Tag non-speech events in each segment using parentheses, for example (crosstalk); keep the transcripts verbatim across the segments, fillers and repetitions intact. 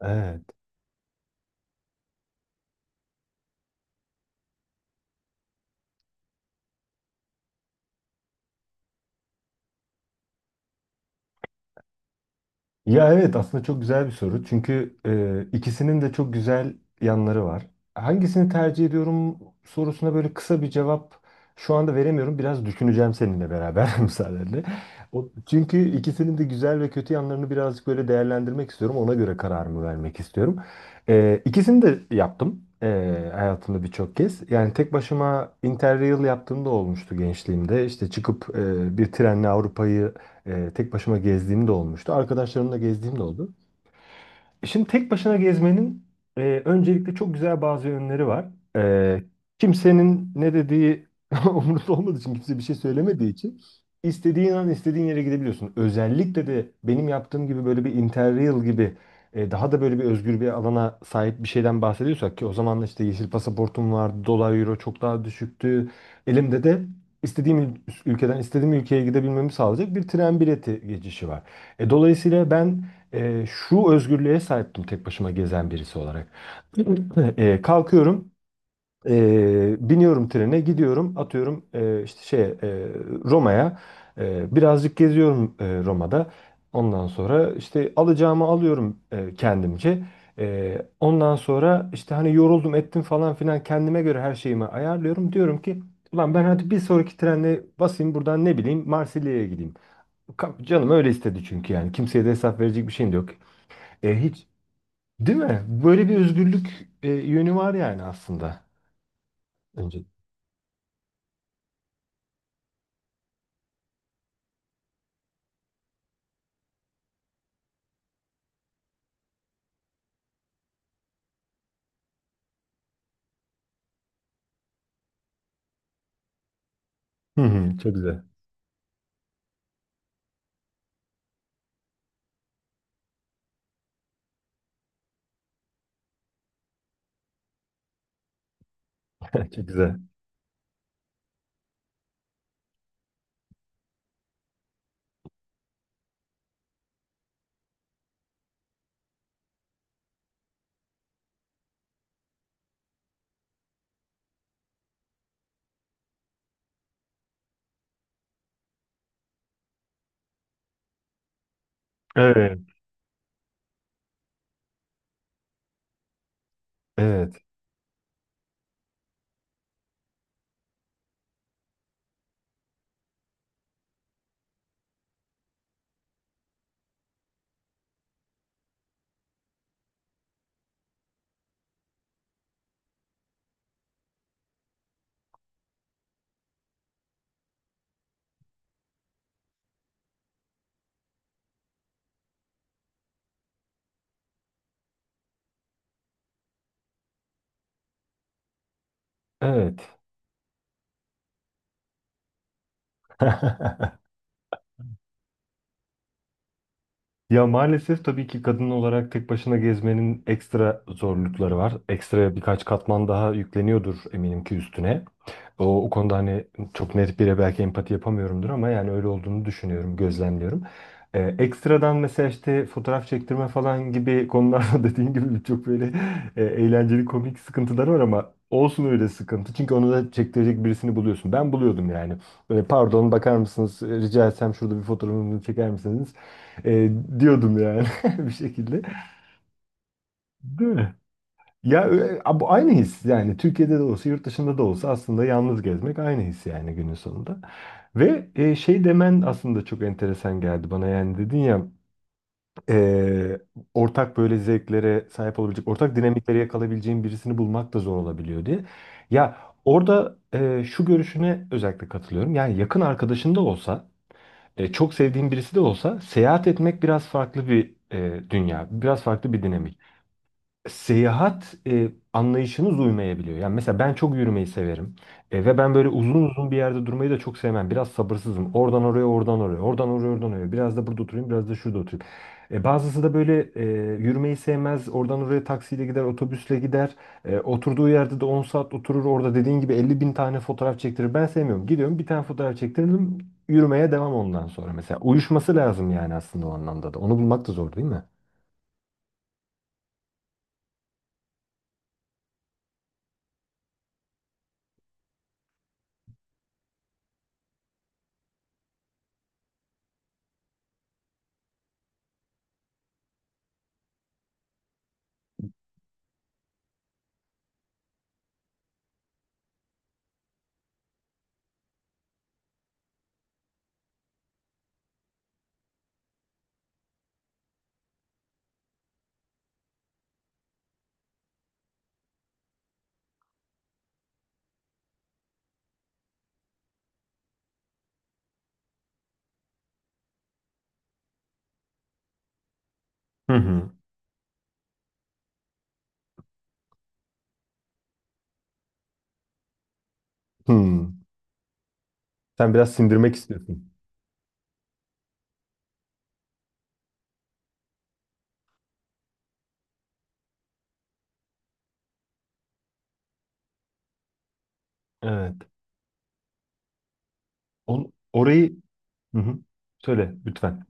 Evet. Ya evet aslında çok güzel bir soru. Çünkü e, ikisinin de çok güzel yanları var. Hangisini tercih ediyorum sorusuna böyle kısa bir cevap şu anda veremiyorum. Biraz düşüneceğim seninle beraber (laughs) müsaadenle. O, çünkü ikisinin de güzel ve kötü yanlarını birazcık böyle değerlendirmek istiyorum. Ona göre kararımı vermek istiyorum. E, ikisini de yaptım e, hayatımda birçok kez. Yani tek başıma Interrail yaptığım da olmuştu gençliğimde. İşte çıkıp e, bir trenle Avrupa'yı Ee, tek başıma gezdiğim de olmuştu. Arkadaşlarımla gezdiğim de oldu. Şimdi tek başına gezmenin e, öncelikle çok güzel bazı yönleri var. E, Kimsenin ne dediği (laughs) umurunda olmadığı için, kimse bir şey söylemediği için istediğin an istediğin yere gidebiliyorsun. Özellikle de benim yaptığım gibi böyle bir Interrail gibi e, daha da böyle bir özgür bir alana sahip bir şeyden bahsediyorsak ki o zaman da işte yeşil pasaportum vardı, dolar euro çok daha düşüktü. Elimde de istediğim ül- ülkeden istediğim ülkeye gidebilmemi sağlayacak bir tren bileti geçişi var. E, dolayısıyla ben ee, şu özgürlüğe sahiptim tek başıma gezen birisi olarak. (clears throat) (laughs) Ee, kalkıyorum, ee, biniyorum trene, gidiyorum, atıyorum ee, işte şeye ee, Roma'ya. Ee, birazcık geziyorum ee, Roma'da. Ondan sonra işte alacağımı alıyorum ee, kendimce. Ee, ondan sonra işte hani yoruldum ettim falan filan kendime göre her şeyimi ayarlıyorum. Diyorum ki ulan ben hadi bir sonraki trenle basayım buradan ne bileyim Marsilya'ya gideyim. Ka- Canım öyle istedi çünkü yani. Kimseye de hesap verecek bir şeyim de yok. E hiç değil mi? Böyle bir özgürlük e, yönü var yani aslında. Önce. Hı hı, çok güzel. (laughs) Çok güzel. Evet. Evet. Evet. (laughs) Ya maalesef tabii ki kadın olarak tek başına gezmenin ekstra zorlukları var. Ekstra birkaç katman daha yükleniyordur eminim ki üstüne. O, o konuda hani çok net bire belki empati yapamıyorumdur ama yani öyle olduğunu düşünüyorum, gözlemliyorum. Ee, ekstradan mesela işte fotoğraf çektirme falan gibi konularda (laughs) dediğin gibi birçok böyle e, eğlenceli komik sıkıntılar var ama olsun öyle sıkıntı. Çünkü onu da çektirecek birisini buluyorsun. Ben buluyordum yani. Böyle, pardon bakar mısınız E, rica etsem şurada bir fotoğrafımı çeker misiniz? E, Diyordum yani (laughs) bir şekilde. Değil mi? Ya ö- a- bu aynı his yani Türkiye'de de olsa yurt dışında da olsa aslında yalnız gezmek aynı his yani günün sonunda. Ve e, şey demen aslında çok enteresan geldi bana yani dedin ya e, ortak böyle zevklere sahip olabilecek, ortak dinamikleri yakalayabileceğin birisini bulmak da zor olabiliyor diye. Ya orada e, şu görüşüne özellikle katılıyorum yani yakın arkadaşın da olsa e, çok sevdiğin birisi de olsa seyahat etmek biraz farklı bir e, dünya, biraz farklı bir dinamik. Seyahat e, anlayışınız uymayabiliyor. Yani mesela ben çok yürümeyi severim. E, ve ben böyle uzun uzun bir yerde durmayı da çok sevmem. Biraz sabırsızım. Oradan oraya, oradan oraya, oradan oraya, oradan oraya. Biraz da burada oturayım, biraz da şurada oturayım. E, bazısı da böyle e, yürümeyi sevmez. Oradan oraya taksiyle gider, otobüsle gider. E, oturduğu yerde de on saat oturur. Orada dediğin gibi elli bin tane fotoğraf çektirir. Ben sevmiyorum. Gidiyorum bir tane fotoğraf çektirdim. Yürümeye devam ondan sonra. Mesela uyuşması lazım yani aslında o anlamda da. Onu bulmak da zor değil mi? Hı hı. Hı. Sen biraz sindirmek istiyorsun. Evet. On, orayı Hı hı. söyle lütfen.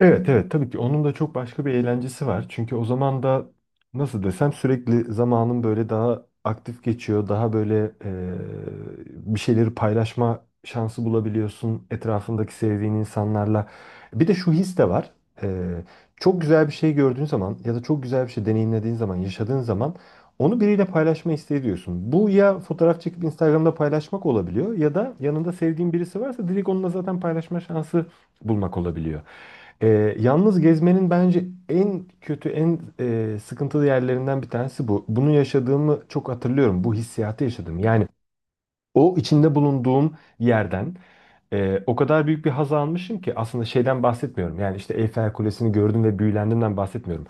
Evet, evet, tabii ki onun da çok başka bir eğlencesi var. Çünkü o zaman da nasıl desem sürekli zamanın böyle daha aktif geçiyor. Daha böyle e, bir şeyleri paylaşma şansı bulabiliyorsun etrafındaki sevdiğin insanlarla. Bir de şu his de var. E, Çok güzel bir şey gördüğün zaman ya da çok güzel bir şey deneyimlediğin zaman, yaşadığın zaman onu biriyle paylaşma isteği diyorsun. Bu ya fotoğraf çekip Instagram'da paylaşmak olabiliyor ya da yanında sevdiğin birisi varsa direkt onunla zaten paylaşma şansı bulmak olabiliyor. Ee, yalnız gezmenin bence en kötü, en e, sıkıntılı yerlerinden bir tanesi bu. Bunu yaşadığımı çok hatırlıyorum. Bu hissiyatı yaşadım. Yani o içinde bulunduğum yerden e, o kadar büyük bir haz almışım ki aslında şeyden bahsetmiyorum. Yani işte Eyfel Kulesi'ni gördüm ve büyülendiğimden bahsetmiyorum.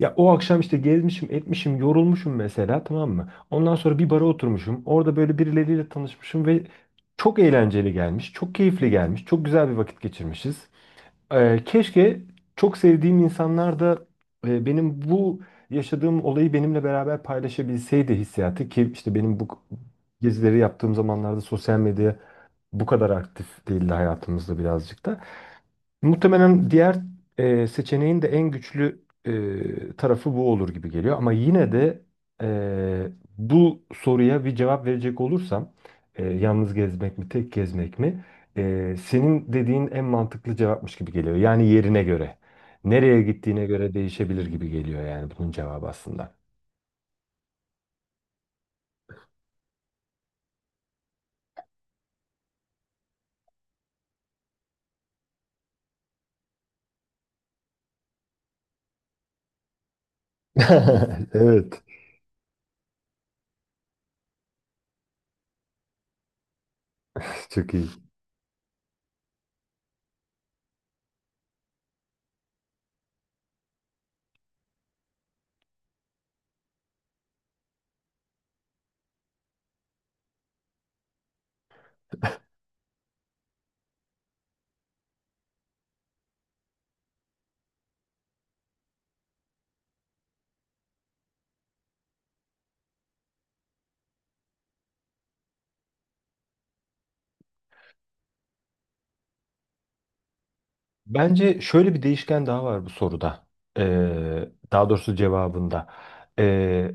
Ya o akşam işte gezmişim, etmişim, yorulmuşum mesela, tamam mı? Ondan sonra bir bara oturmuşum. Orada böyle birileriyle tanışmışım ve çok eğlenceli gelmiş, çok keyifli gelmiş, çok güzel bir vakit geçirmişiz. Ee, keşke çok sevdiğim insanlar da e, benim bu yaşadığım olayı benimle beraber paylaşabilseydi hissiyatı ki işte benim bu gezileri yaptığım zamanlarda sosyal medya bu kadar aktif değildi hayatımızda birazcık da. Muhtemelen diğer e, seçeneğin de en güçlü e, tarafı bu olur gibi geliyor. Ama yine de e, bu soruya bir cevap verecek olursam e, yalnız gezmek mi tek gezmek mi? E, senin dediğin en mantıklı cevapmış gibi geliyor. Yani yerine göre. Nereye gittiğine göre değişebilir gibi geliyor yani bunun cevabı aslında. (laughs) Evet. (laughs) Çok iyi. Bence şöyle bir değişken daha var bu soruda. Ee, daha doğrusu cevabında. Ee,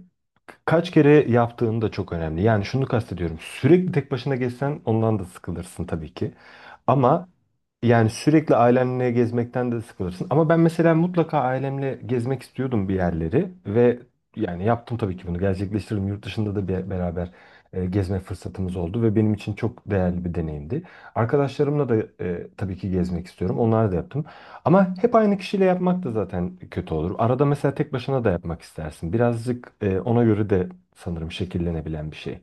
Kaç kere yaptığın da çok önemli. Yani şunu kastediyorum. Sürekli tek başına gezsen ondan da sıkılırsın tabii ki. Ama yani sürekli ailenle gezmekten de sıkılırsın. Ama ben mesela mutlaka ailemle gezmek istiyordum bir yerleri ve yani yaptım tabii ki, bunu gerçekleştirdim. Yurt dışında da bir beraber e, gezme fırsatımız oldu ve benim için çok değerli bir deneyimdi. Arkadaşlarımla da e, tabii ki gezmek istiyorum. Onları da yaptım. Ama hep aynı kişiyle yapmak da zaten kötü olur. Arada mesela tek başına da yapmak istersin. Birazcık e, ona göre de sanırım şekillenebilen bir şey.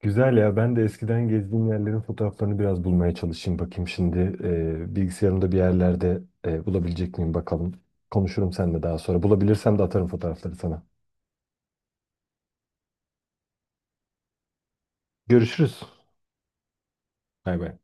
Güzel ya. Ben de eskiden gezdiğim yerlerin fotoğraflarını biraz bulmaya çalışayım. Bakayım şimdi e, bilgisayarımda bir yerlerde e, bulabilecek miyim bakalım. Konuşurum seninle daha sonra. Bulabilirsem de atarım fotoğrafları sana. Görüşürüz. Bay bay.